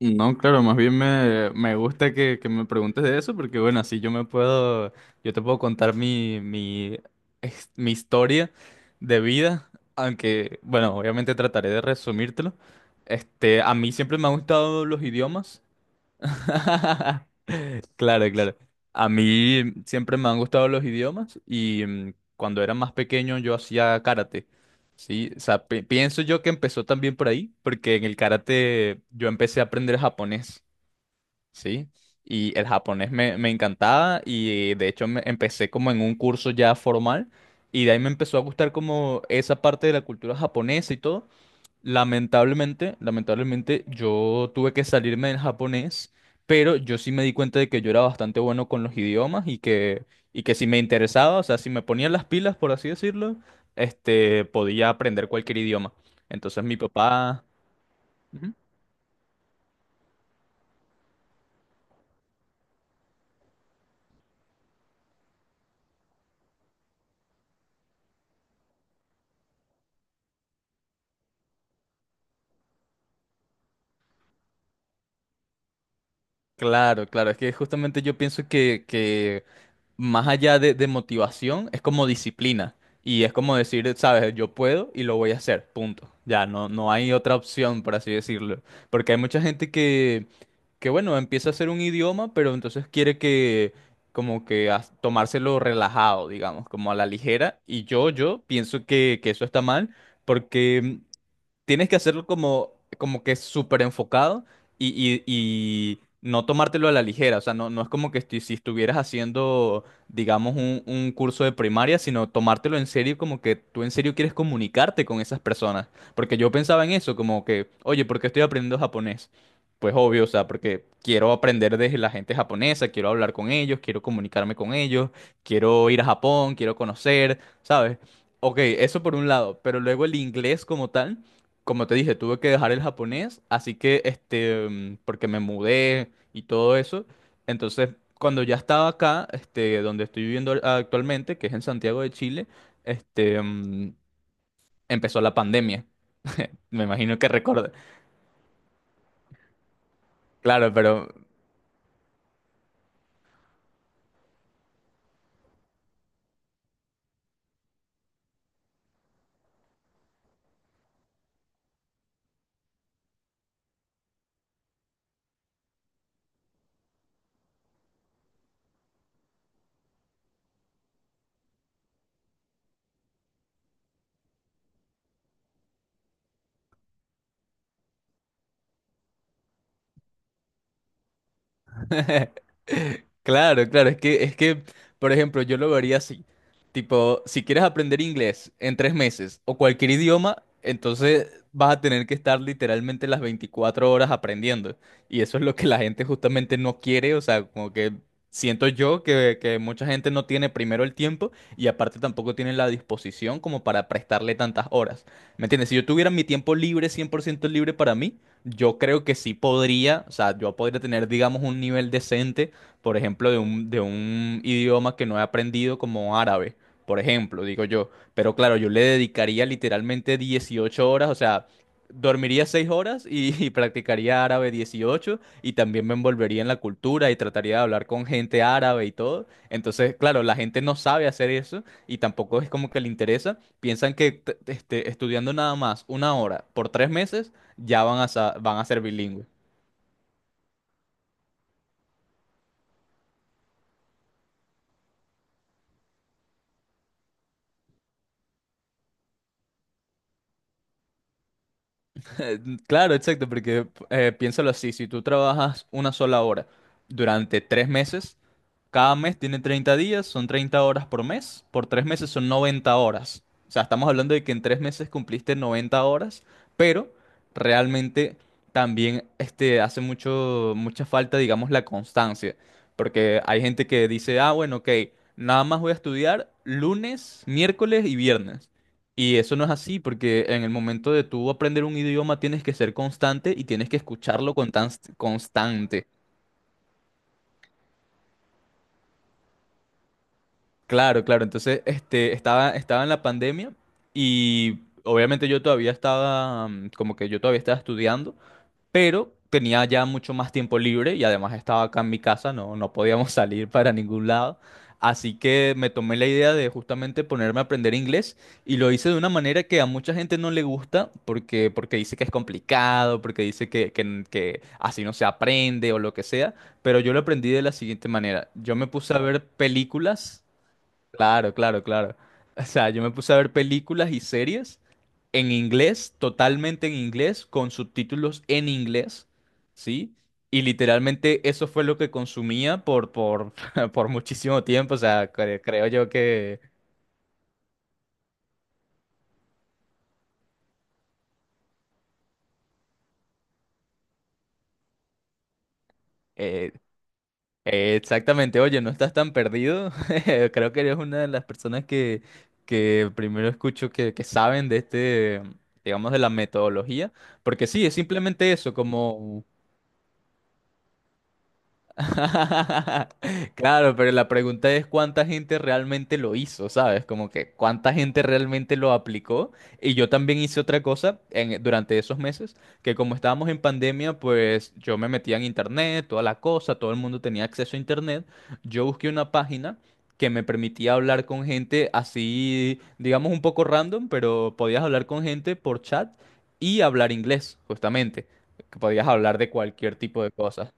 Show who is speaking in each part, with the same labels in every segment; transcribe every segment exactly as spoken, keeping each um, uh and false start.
Speaker 1: No, claro, más bien me, me gusta que, que me preguntes de eso, porque bueno, así yo me puedo, yo te puedo contar mi, mi, ex- mi historia de vida, aunque, bueno, obviamente trataré de resumírtelo. Este, a mí siempre me han gustado los idiomas. Claro, claro. A mí siempre me han gustado los idiomas y mm, cuando era más pequeño yo hacía karate. Sí, o sea, pi- pienso yo que empezó también por ahí, porque en el karate yo empecé a aprender japonés. Sí, y el japonés me, me encantaba y de hecho me- empecé como en un curso ya formal y de ahí me empezó a gustar como esa parte de la cultura japonesa y todo. Lamentablemente, lamentablemente yo tuve que salirme del japonés, pero yo sí me di cuenta de que yo era bastante bueno con los idiomas y que, y que, si me interesaba, o sea, si me ponía las pilas, por así decirlo, este, podía aprender cualquier idioma. Entonces mi papá... Ujú. Claro, claro, es que justamente yo pienso que, que, más allá de, de motivación, es como disciplina. Y es como decir, sabes, yo puedo y lo voy a hacer, punto. Ya, no, no hay otra opción, por así decirlo. Porque hay mucha gente que, que, bueno, empieza a hacer un idioma, pero entonces quiere que, como que as- tomárselo relajado, digamos, como a la ligera. Y yo, yo pienso que, que, eso está mal, porque tienes que hacerlo como, como que súper enfocado y, y- y no tomártelo a la ligera. O sea, no, no es como que estu- si estuvieras haciendo, digamos, un, un curso de primaria, sino tomártelo en serio, como que tú en serio quieres comunicarte con esas personas. Porque yo pensaba en eso, como que, oye, ¿por qué estoy aprendiendo japonés? Pues obvio, o sea, porque quiero aprender de la gente japonesa, quiero hablar con ellos, quiero comunicarme con ellos, quiero ir a Japón, quiero conocer, ¿sabes? Ok, eso por un lado, pero luego el inglés como tal. Como te dije, tuve que dejar el japonés, así que este, mm, porque me mudé y todo eso. Entonces, cuando ya estaba acá, este, donde estoy viviendo a- actualmente, que es en Santiago de Chile, este, mm, empezó la pandemia. Me imagino que recuerda. Claro, pero Claro, claro, es que, es que, por ejemplo, yo lo vería así. Tipo, si quieres aprender inglés en tres meses o cualquier idioma, entonces vas a tener que estar literalmente las veinticuatro horas aprendiendo. Y eso es lo que la gente justamente no quiere, o sea, como que siento yo que, que mucha gente no tiene primero el tiempo y aparte tampoco tiene la disposición como para prestarle tantas horas. ¿Me entiendes? Si yo tuviera mi tiempo libre, cien por ciento libre para mí, yo creo que sí podría, o sea, yo podría tener, digamos, un nivel decente, por ejemplo, de un, de un idioma que no he aprendido como árabe, por ejemplo, digo yo. Pero claro, yo le dedicaría literalmente dieciocho horas, o sea, dormiría seis horas y, y practicaría árabe dieciocho y también me envolvería en la cultura y trataría de hablar con gente árabe y todo. Entonces, claro, la gente no sabe hacer eso y tampoco es como que le interesa. Piensan que t- este, estudiando nada más una hora por tres meses ya van a, sa- van a ser bilingües. Claro, exacto, porque eh, piénsalo así, si tú trabajas una sola hora durante tres meses, cada mes tiene treinta días, son treinta horas por mes, por tres meses son noventa horas. O sea, estamos hablando de que en tres meses cumpliste noventa horas, pero realmente también este, hace mucho, mucha falta, digamos, la constancia, porque hay gente que dice, ah, bueno, ok, nada más voy a estudiar lunes, miércoles y viernes. Y eso no es así, porque en el momento de tú aprender un idioma tienes que ser constante y tienes que escucharlo con tan- constante. Claro, claro. Entonces, este, estaba, estaba en la pandemia y obviamente yo todavía estaba, mm, como que yo todavía estaba estudiando. Pero tenía ya mucho más tiempo libre y además estaba acá en mi casa, no, no podíamos salir para ningún lado. Así que me tomé la idea de justamente ponerme a aprender inglés y lo hice de una manera que a mucha gente no le gusta porque, porque, dice que es complicado, porque dice que, que, que así no se aprende o lo que sea, pero yo lo aprendí de la siguiente manera. Yo me puse a ver películas. Claro, claro, claro. O sea, yo me puse a ver películas y series en inglés, totalmente en inglés, con subtítulos en inglés, ¿sí? Y literalmente eso fue lo que consumía por, por, por muchísimo tiempo. O sea, cre- creo yo que... eh, eh, exactamente, oye, no estás tan perdido. Creo que eres una de las personas que, que primero escucho que, que saben de este, digamos, de la metodología. Porque sí, es simplemente eso, como... Claro, pero la pregunta es cuánta gente realmente lo hizo, ¿sabes? Como que cuánta gente realmente lo aplicó. Y yo también hice otra cosa en- durante esos meses, que como estábamos en pandemia, pues yo me metía en internet, toda la cosa, todo el mundo tenía acceso a internet. Yo busqué una página que me permitía hablar con gente así, digamos un poco random, pero podías hablar con gente por chat y hablar inglés, justamente. Que podías hablar de cualquier tipo de cosas.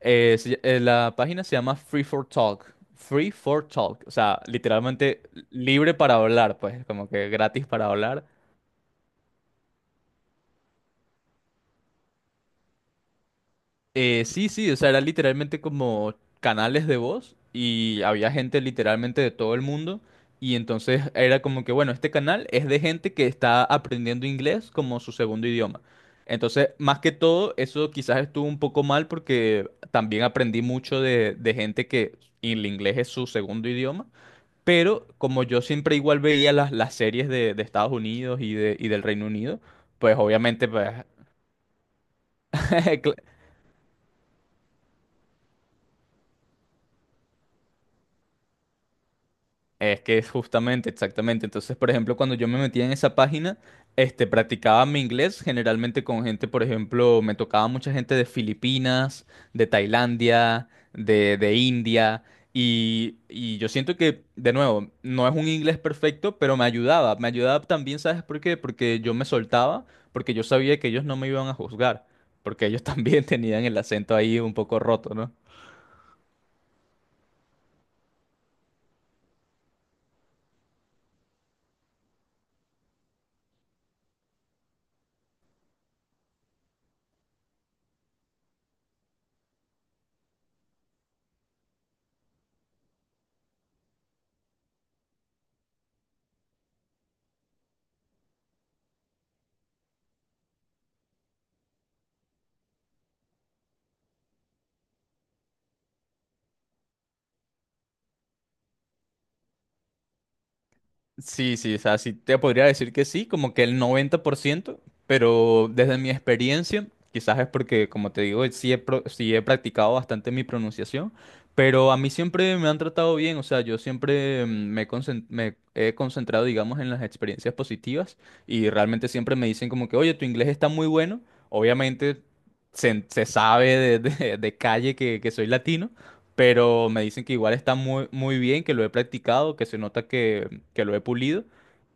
Speaker 1: Eh, se ll- eh, la página se llama Free for Talk. Free for Talk. O sea, literalmente libre para hablar, pues, como que gratis para hablar. Eh, sí, sí, o sea, era literalmente como canales de voz y había gente literalmente de todo el mundo. Y entonces era como que, bueno, este canal es de gente que está aprendiendo inglés como su segundo idioma. Entonces, más que todo, eso quizás estuvo un poco mal porque también aprendí mucho de, de, gente que el inglés es su segundo idioma. Pero como yo siempre igual veía las, las, series de, de Estados Unidos y, de, y del Reino Unido, pues obviamente pues, Es que es justamente, exactamente. Entonces, por ejemplo, cuando yo me metía en esa página, este, practicaba mi inglés generalmente con gente, por ejemplo, me tocaba mucha gente de Filipinas, de Tailandia, de, de India. Y, y yo siento que, de nuevo, no es un inglés perfecto, pero me ayudaba. Me ayudaba también, ¿sabes por qué? Porque yo me soltaba, porque yo sabía que ellos no me iban a juzgar, porque ellos también tenían el acento ahí un poco roto, ¿no? Sí, sí, o sea, sí te podría decir que sí, como que el noventa por ciento, pero desde mi experiencia, quizás es porque, como te digo, sí he, pro- sí he practicado bastante mi pronunciación, pero a mí siempre me han tratado bien, o sea, yo siempre mm, me, he concen- me he concentrado, digamos, en las experiencias positivas y realmente siempre me dicen como que, oye, tu inglés está muy bueno, obviamente se, se sabe de, de- de calle que, que soy latino. Pero me dicen que igual está muy, muy bien, que lo he practicado, que se nota que, que, que, lo he pulido.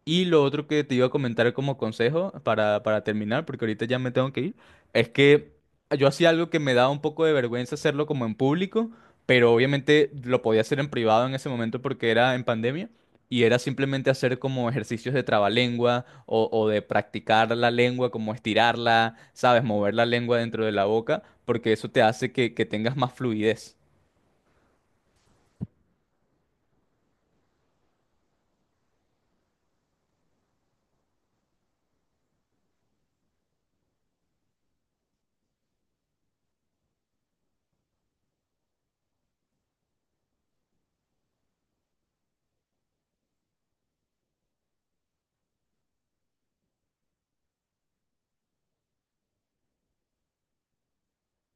Speaker 1: Y lo otro que te iba a comentar como consejo para, para terminar, porque ahorita ya me tengo que ir, es que yo hacía algo que me daba un poco de vergüenza hacerlo como en público, pero obviamente lo podía hacer en privado en ese momento porque era en pandemia. Y era simplemente hacer como ejercicios de trabalengua o, o de practicar la lengua, como estirarla, ¿sabes? Mover la lengua dentro de la boca, porque eso te hace que, que, tengas más fluidez.